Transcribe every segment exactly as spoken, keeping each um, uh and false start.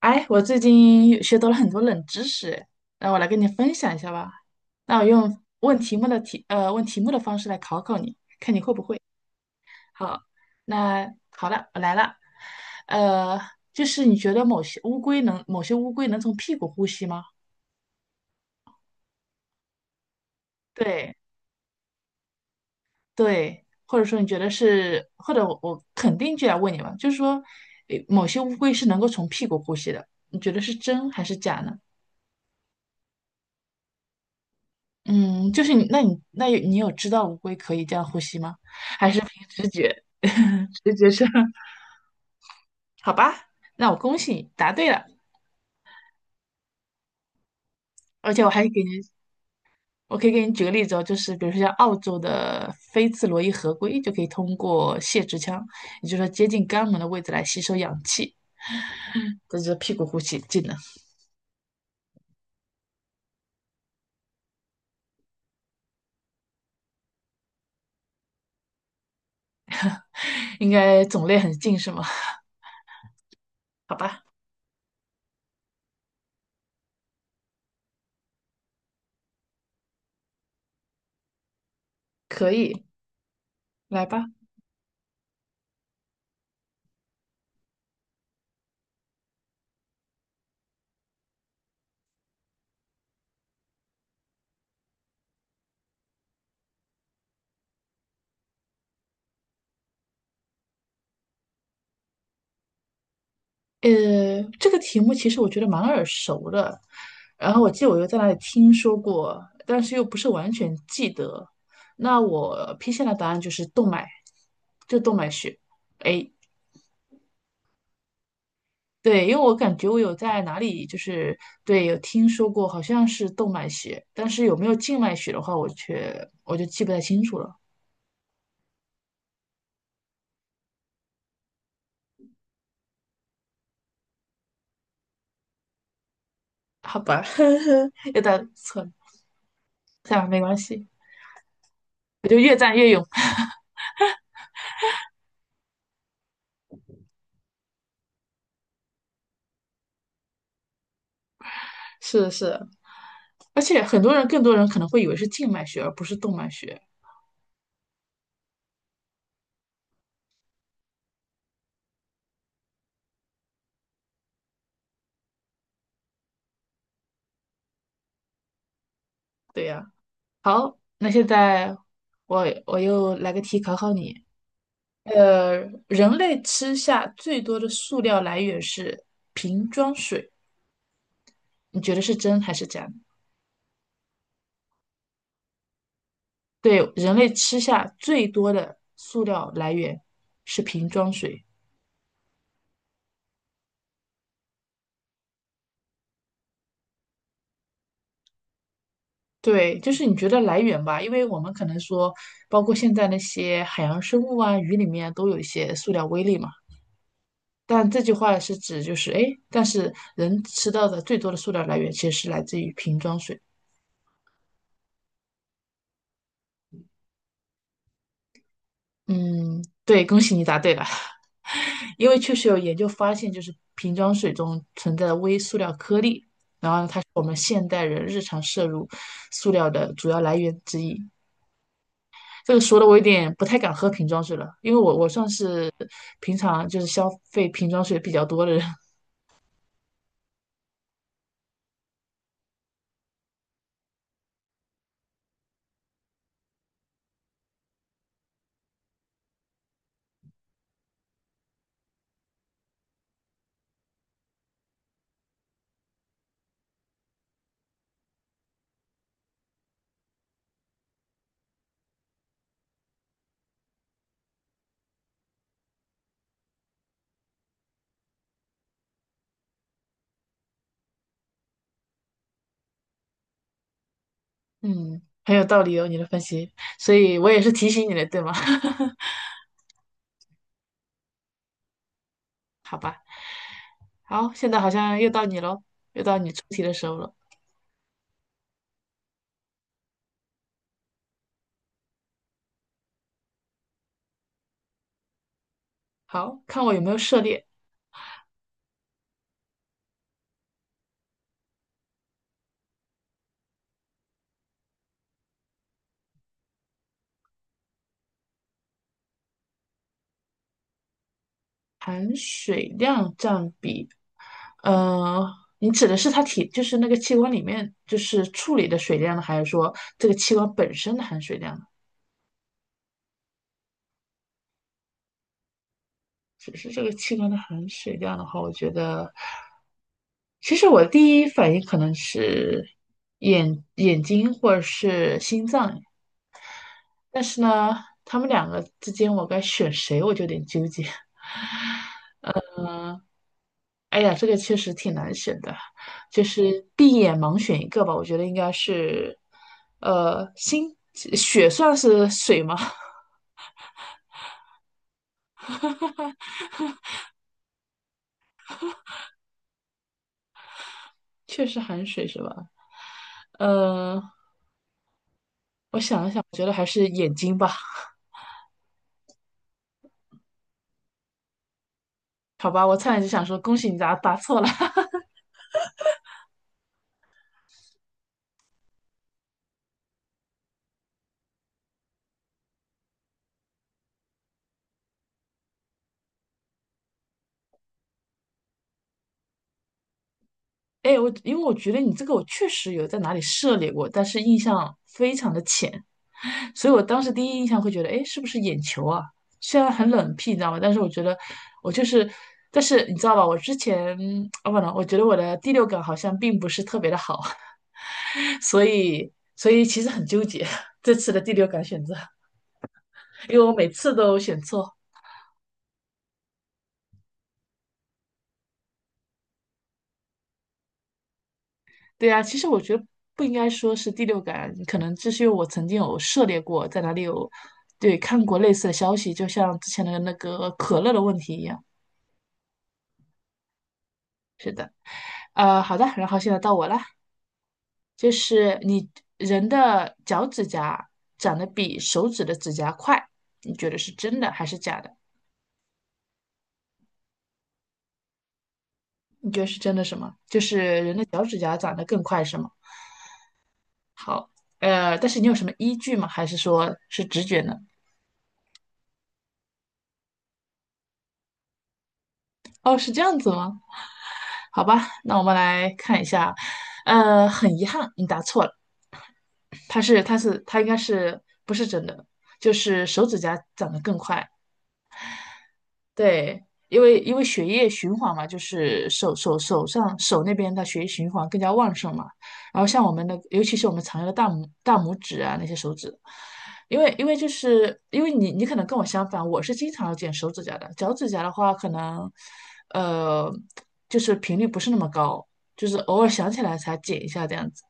哎，我最近学到了很多冷知识，那我来跟你分享一下吧。那我用问题目的题，呃，问题目的方式来考考你，看你会不会。好，那好了，我来了。呃，就是你觉得某些乌龟能，某些乌龟能从屁股呼吸吗？对对，或者说你觉得是，或者我我肯定就要问你嘛，就是说，诶某些乌龟是能够从屁股呼吸的，你觉得是真还是假呢？嗯，就是你，那你，那有你有知道乌龟可以这样呼吸吗？还是凭直觉？直觉是，好吧，那我恭喜你答对了，而且我还给你，我可以给你举个例子哦，就是比如说像澳洲的菲茨罗伊河龟就可以通过泄殖腔，也就是说接近肛门的位置来吸收氧气，这就是屁股呼吸技能，应该种类很近是吗？好吧，可以，来吧。呃，这个题目其实我觉得蛮耳熟的，然后我记得我又在哪里听说过，但是又不是完全记得。那我批下的答案就是动脉，就动脉血。哎，对，因为我感觉我有在哪里就是对有听说过，好像是动脉血，但是有没有静脉血的话，我却我就记不太清楚了。好吧，又答错了，算了，没关系，我就越战越勇。是是，而且很多人，更多人可能会以为是静脉血，而不是动脉血。对呀、好，那现在我我又来个题考考你。呃，人类吃下最多的塑料来源是瓶装水，你觉得是真还是假？对，人类吃下最多的塑料来源是瓶装水。对，就是你觉得来源吧，因为我们可能说，包括现在那些海洋生物啊、鱼里面都有一些塑料微粒嘛。但这句话是指就是，哎，但是人吃到的最多的塑料来源其实是来自于瓶装水。嗯，对，恭喜你答对了，因为确实有研究发现，就是瓶装水中存在的微塑料颗粒，然后它是我们现代人日常摄入塑料的主要来源之一。这个说的我有点不太敢喝瓶装水了，因为我我算是平常就是消费瓶装水比较多的人。嗯，很有道理哦，你的分析，所以我也是提醒你的，对吗？好吧，好，现在好像又到你喽，又到你出题的时候了。好，看我有没有涉猎。含水量占比，呃，你指的是它体，就是那个器官里面就是处理的水量呢，还是说这个器官本身的含水量呢？只是这个器官的含水量的话，我觉得，其实我第一反应可能是眼眼睛或者是心脏，但是呢，他们两个之间我该选谁，我就有点纠结。嗯，哎呀，这个确实挺难选的，就是闭眼盲选一个吧。我觉得应该是，呃，星血算是水吗？确实含水是吧？呃，我想了想，我觉得还是眼睛吧。好吧，我差点就想说恭喜你答答错了。哎，我因为我觉得你这个我确实有在哪里涉猎过，但是印象非常的浅。所以我当时第一印象会觉得，哎，是不是眼球啊？虽然很冷僻，你知道吗？但是我觉得我就是，但是你知道吧？我之前啊不能，我觉得我的第六感好像并不是特别的好，所以所以其实很纠结这次的第六感选择，因为我每次都选错。对啊，其实我觉得不应该说是第六感，可能这是因为我曾经有涉猎过，在哪里有对看过类似的消息，就像之前的那个可乐的问题一样。是的，呃，好的，然后现在到我了。就是你人的脚趾甲长得比手指的指甲快，你觉得是真的还是假的？你觉得是真的什么？就是人的脚趾甲长得更快是吗？好，呃，但是你有什么依据吗？还是说是直觉呢？哦，是这样子吗？好吧，那我们来看一下，呃，很遗憾，你答错了，它是它是它应该是不是真的，就是手指甲长得更快。对，因为因为血液循环嘛，就是手手手上手那边的血液循环更加旺盛嘛。然后像我们的，尤其是我们常用的大拇大拇指啊那些手指，因为因为就是因为你你可能跟我相反，我是经常要剪手指甲的，脚趾甲的话可能呃就是频率不是那么高，就是偶尔想起来才剪一下这样子，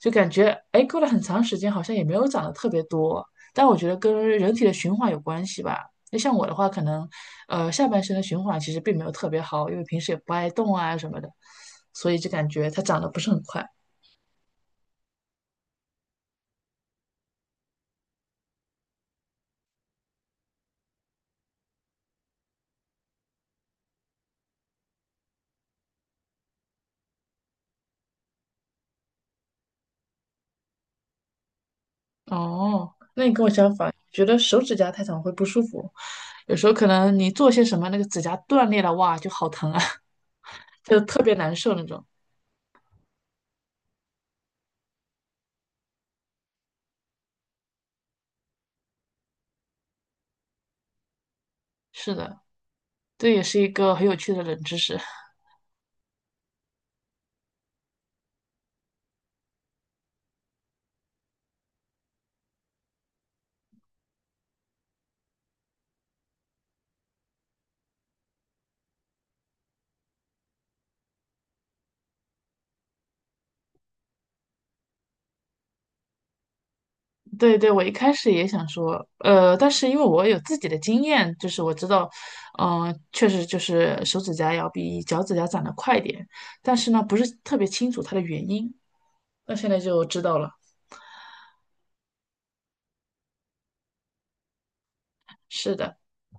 就感觉哎过了很长时间好像也没有长得特别多，但我觉得跟人体的循环有关系吧。那像我的话，可能呃下半身的循环其实并没有特别好，因为平时也不爱动啊什么的，所以就感觉它长得不是很快。哦，那你跟我相反，觉得手指甲太长会不舒服，有时候可能你做些什么，那个指甲断裂了，哇，就好疼啊，就特别难受那种。是的，这也是一个很有趣的冷知识。对对，我一开始也想说，呃，但是因为我有自己的经验，就是我知道，嗯、确实就是手指甲要比脚趾甲长得快一点，但是呢，不是特别清楚它的原因。那现在就知道了，是的，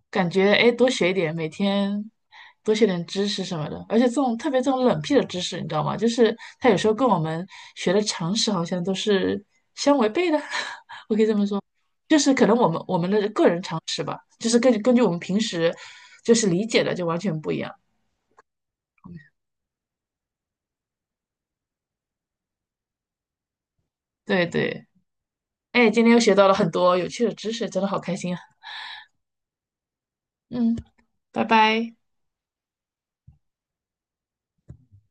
感觉哎，诶多学一点，每天多学点知识什么的，而且这种特别这种冷僻的知识，你知道吗？就是它有时候跟我们学的常识好像都是相违背的，我可以这么说。就是可能我们我们的个人常。就是根据根据我们平时就是理解的就完全不一样。对对，哎，今天又学到了很多有趣的知识，真的好开心啊！嗯，拜拜。